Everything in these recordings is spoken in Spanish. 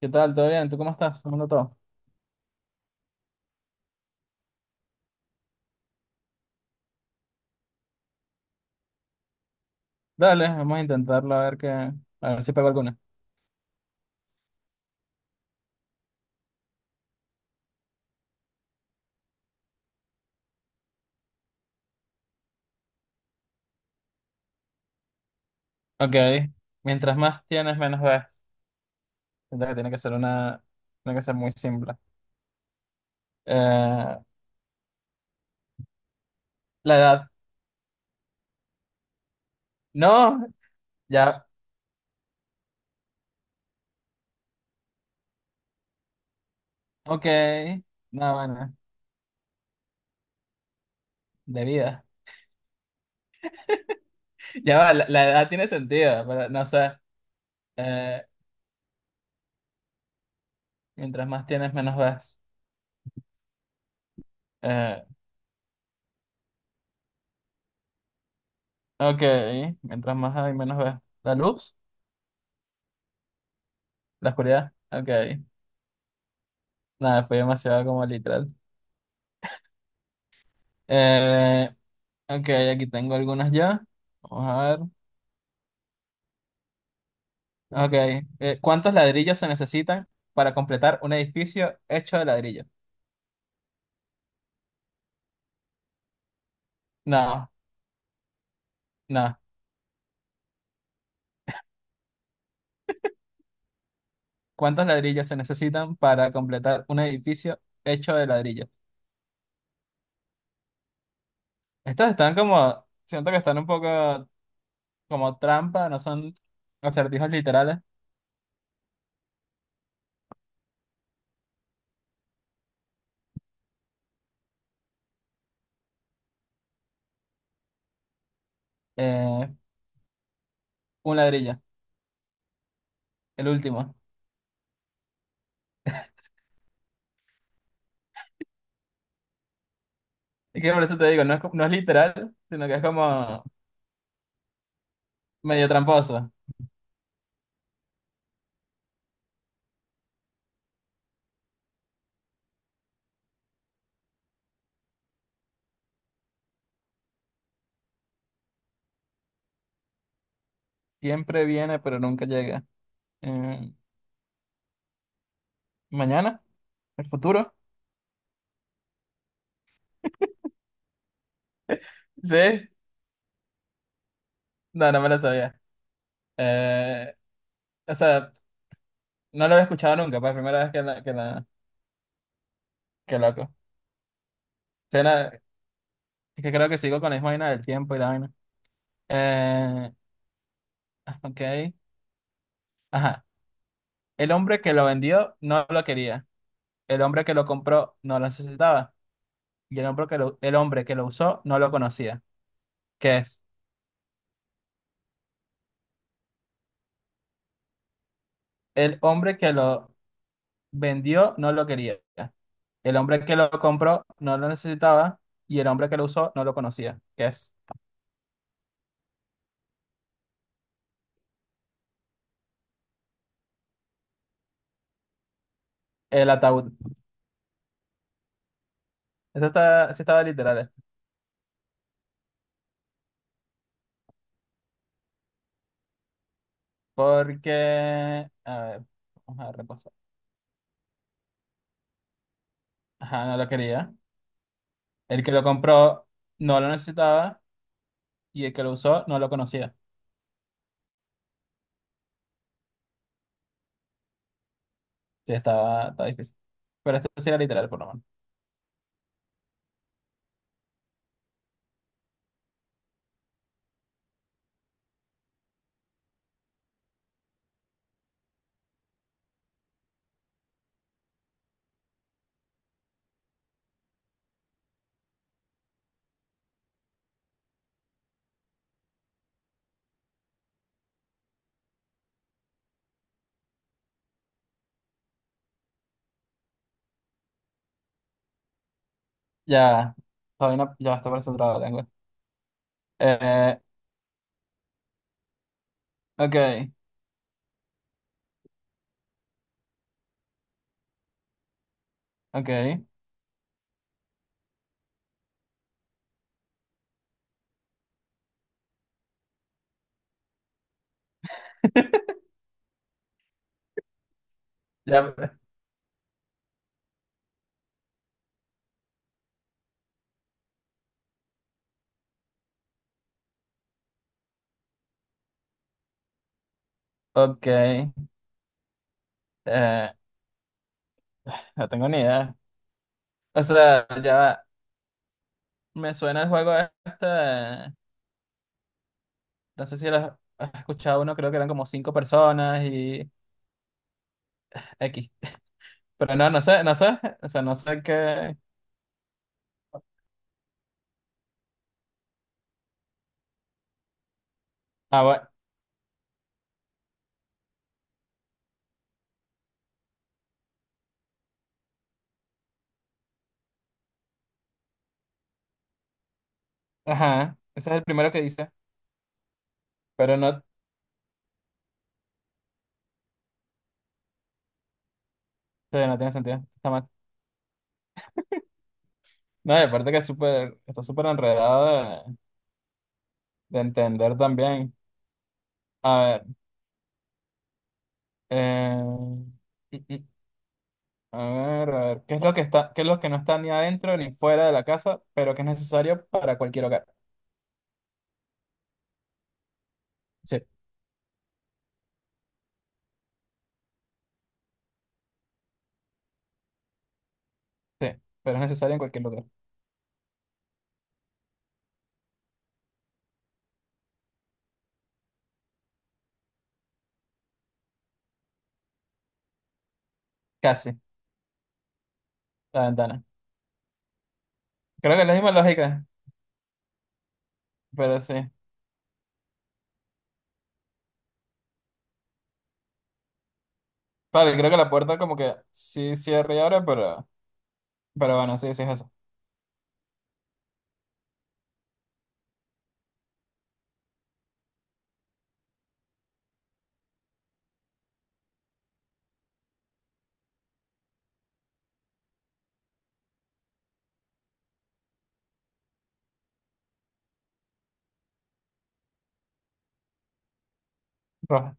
¿Qué tal? ¿Todo bien? ¿Tú cómo estás? ¿Cómo anda todo? Dale, vamos a intentarlo a ver si pego alguna. Ok, mientras más tienes, menos ves. Siento que tiene que ser muy simple. Eh, la edad. No, ya, ok. No, bueno, de vida. Ya va, la edad tiene sentido, pero no sé. Eh, Mientras más tienes, menos ves. Eh, ok, mientras más hay, menos ves. La luz, la oscuridad. Ok, nada, fue demasiado como literal. Eh, Ok, aquí tengo algunas ya. Vamos a ver. Ok. ¿Cuántos ladrillos se necesitan para completar un edificio hecho de ladrillos? No, no. ¿Cuántos ladrillos se necesitan para completar un edificio hecho de ladrillos? Estos están como, siento que están un poco como trampa, no son acertijos literales. Eh, un ladrillo, el último. Y que por eso te digo, no es literal, sino que es como medio tramposo. Siempre viene, pero nunca llega. Eh, Mañana, el futuro. ¿Sí? No, no me la sabía. Eh, o sea, no lo había escuchado nunca, pues, primera vez que loco. Suena- es que creo que sigo con la misma vaina del tiempo y la vaina. Eh, ok. Ajá. El hombre que lo vendió no lo quería. El hombre que lo compró no lo necesitaba. Y el hombre que lo usó no lo conocía. ¿Qué es? El hombre que lo vendió no lo quería. El hombre que lo compró no lo necesitaba. Y el hombre que lo usó no lo conocía. ¿Qué es? El ataúd. Sí estaba literal, porque, a ver, vamos a repasar. Ajá, no lo quería. El que lo compró no lo necesitaba y el que lo usó no lo conocía. Sí, estaba difícil. Pero esto sí era literal, por lo menos. Ya, todavía no, ya está concentrado la lengua. Eh, ok, ok. Ya, ok. Eh, no tengo ni idea. O sea, ya me suena el juego este. No sé si lo has escuchado uno, creo que eran como cinco personas y X. Pero no, no sé, no sé, o sea, no sé qué. Ah, bueno, ajá, ese es el primero que dice, pero no, sí, no tiene sentido, está mal. No, y aparte que es súper, está súper enredado de entender también. A ver, eh, mm, mm, a ver, a ver, ¿qué es lo que no está ni adentro ni fuera de la casa, pero que es necesario para cualquier hogar? Sí, sí, pero es necesario en cualquier lugar, casi, la ventana. Creo que es la misma lógica, pero sí. Vale, creo que la puerta como que sí cierra y abre, pero bueno, sí, sí es eso. Roja.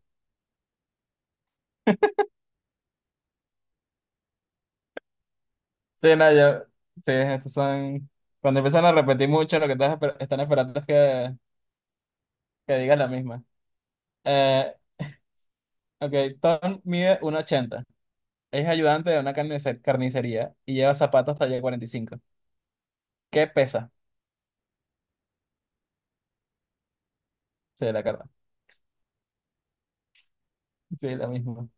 Sí, no, yo, sí, estos son, cuando empiezan a repetir mucho, lo que estás están esperando es que digas la misma. Eh, ok, Tom mide 1,80. Es ayudante de una carnicería y lleva zapatos talla 45. ¿Qué pesa? Sí, la carta. Sí, la misma.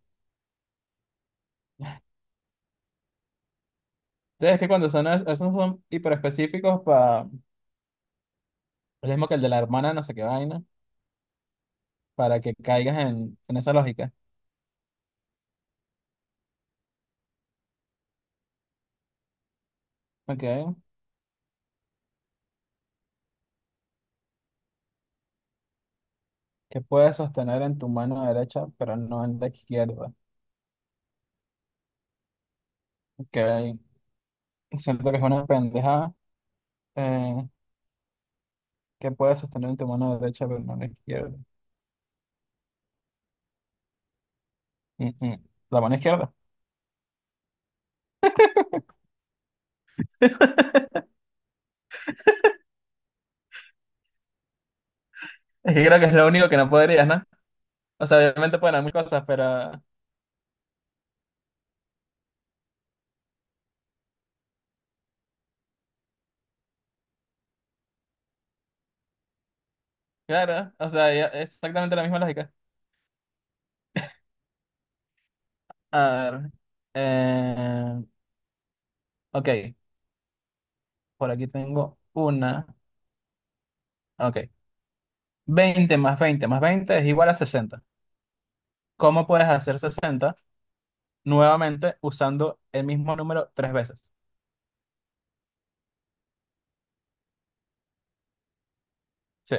Sí, es que cuando son, esos son hiperespecíficos para, lo mismo que el de la hermana, no sé qué vaina, para que caigas en esa lógica. Ok, ¿qué puedes sostener en tu mano derecha, pero no en la izquierda? Ok. Siento que es una pendeja eh, que puedes sostener en tu mano derecha, pero no en la izquierda. Mm, mm. La mano izquierda. Es que creo que es lo único que no podrías, ¿no? O sea, obviamente pueden haber muchas cosas, pero claro, o sea, es exactamente la misma lógica. A ver, eh, ok, por aquí tengo una, ok. 20 más 20 más 20 es igual a 60. ¿Cómo puedes hacer 60 nuevamente usando el mismo número tres veces? Sí,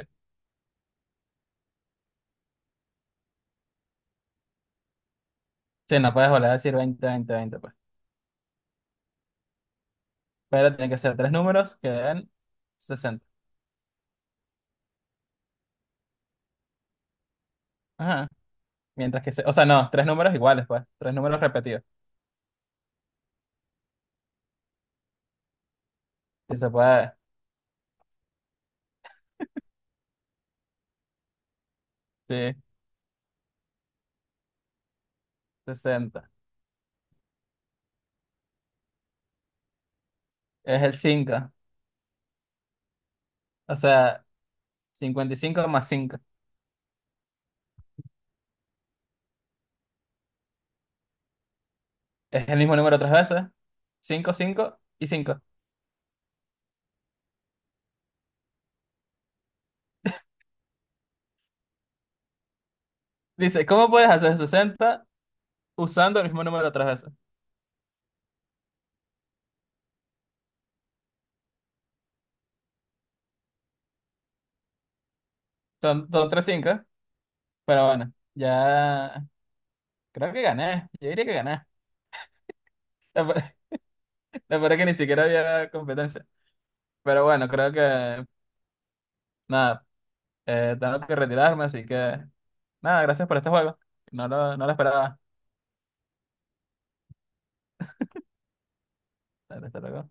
sí, no puedes volver a decir 20 20 20. Pero tienen que ser tres números que den 60. Ajá. Mientras que se... O sea, no, tres números iguales, pues. Tres números repetidos. Si se puede. Sí, 60. Es el cinco. O sea, 55 más cinco. Es el mismo número tres veces. Cinco, 5 y cinco. Dice, ¿cómo puedes hacer 60 usando el mismo número tres veces? Son 3 cinco. Pero bueno, ya creo que gané. Yo diría que gané. La verdad es que ni siquiera había competencia. Pero bueno, creo que... Nada, tengo que retirarme, así que nada, gracias por este juego. No lo esperaba. Hasta luego.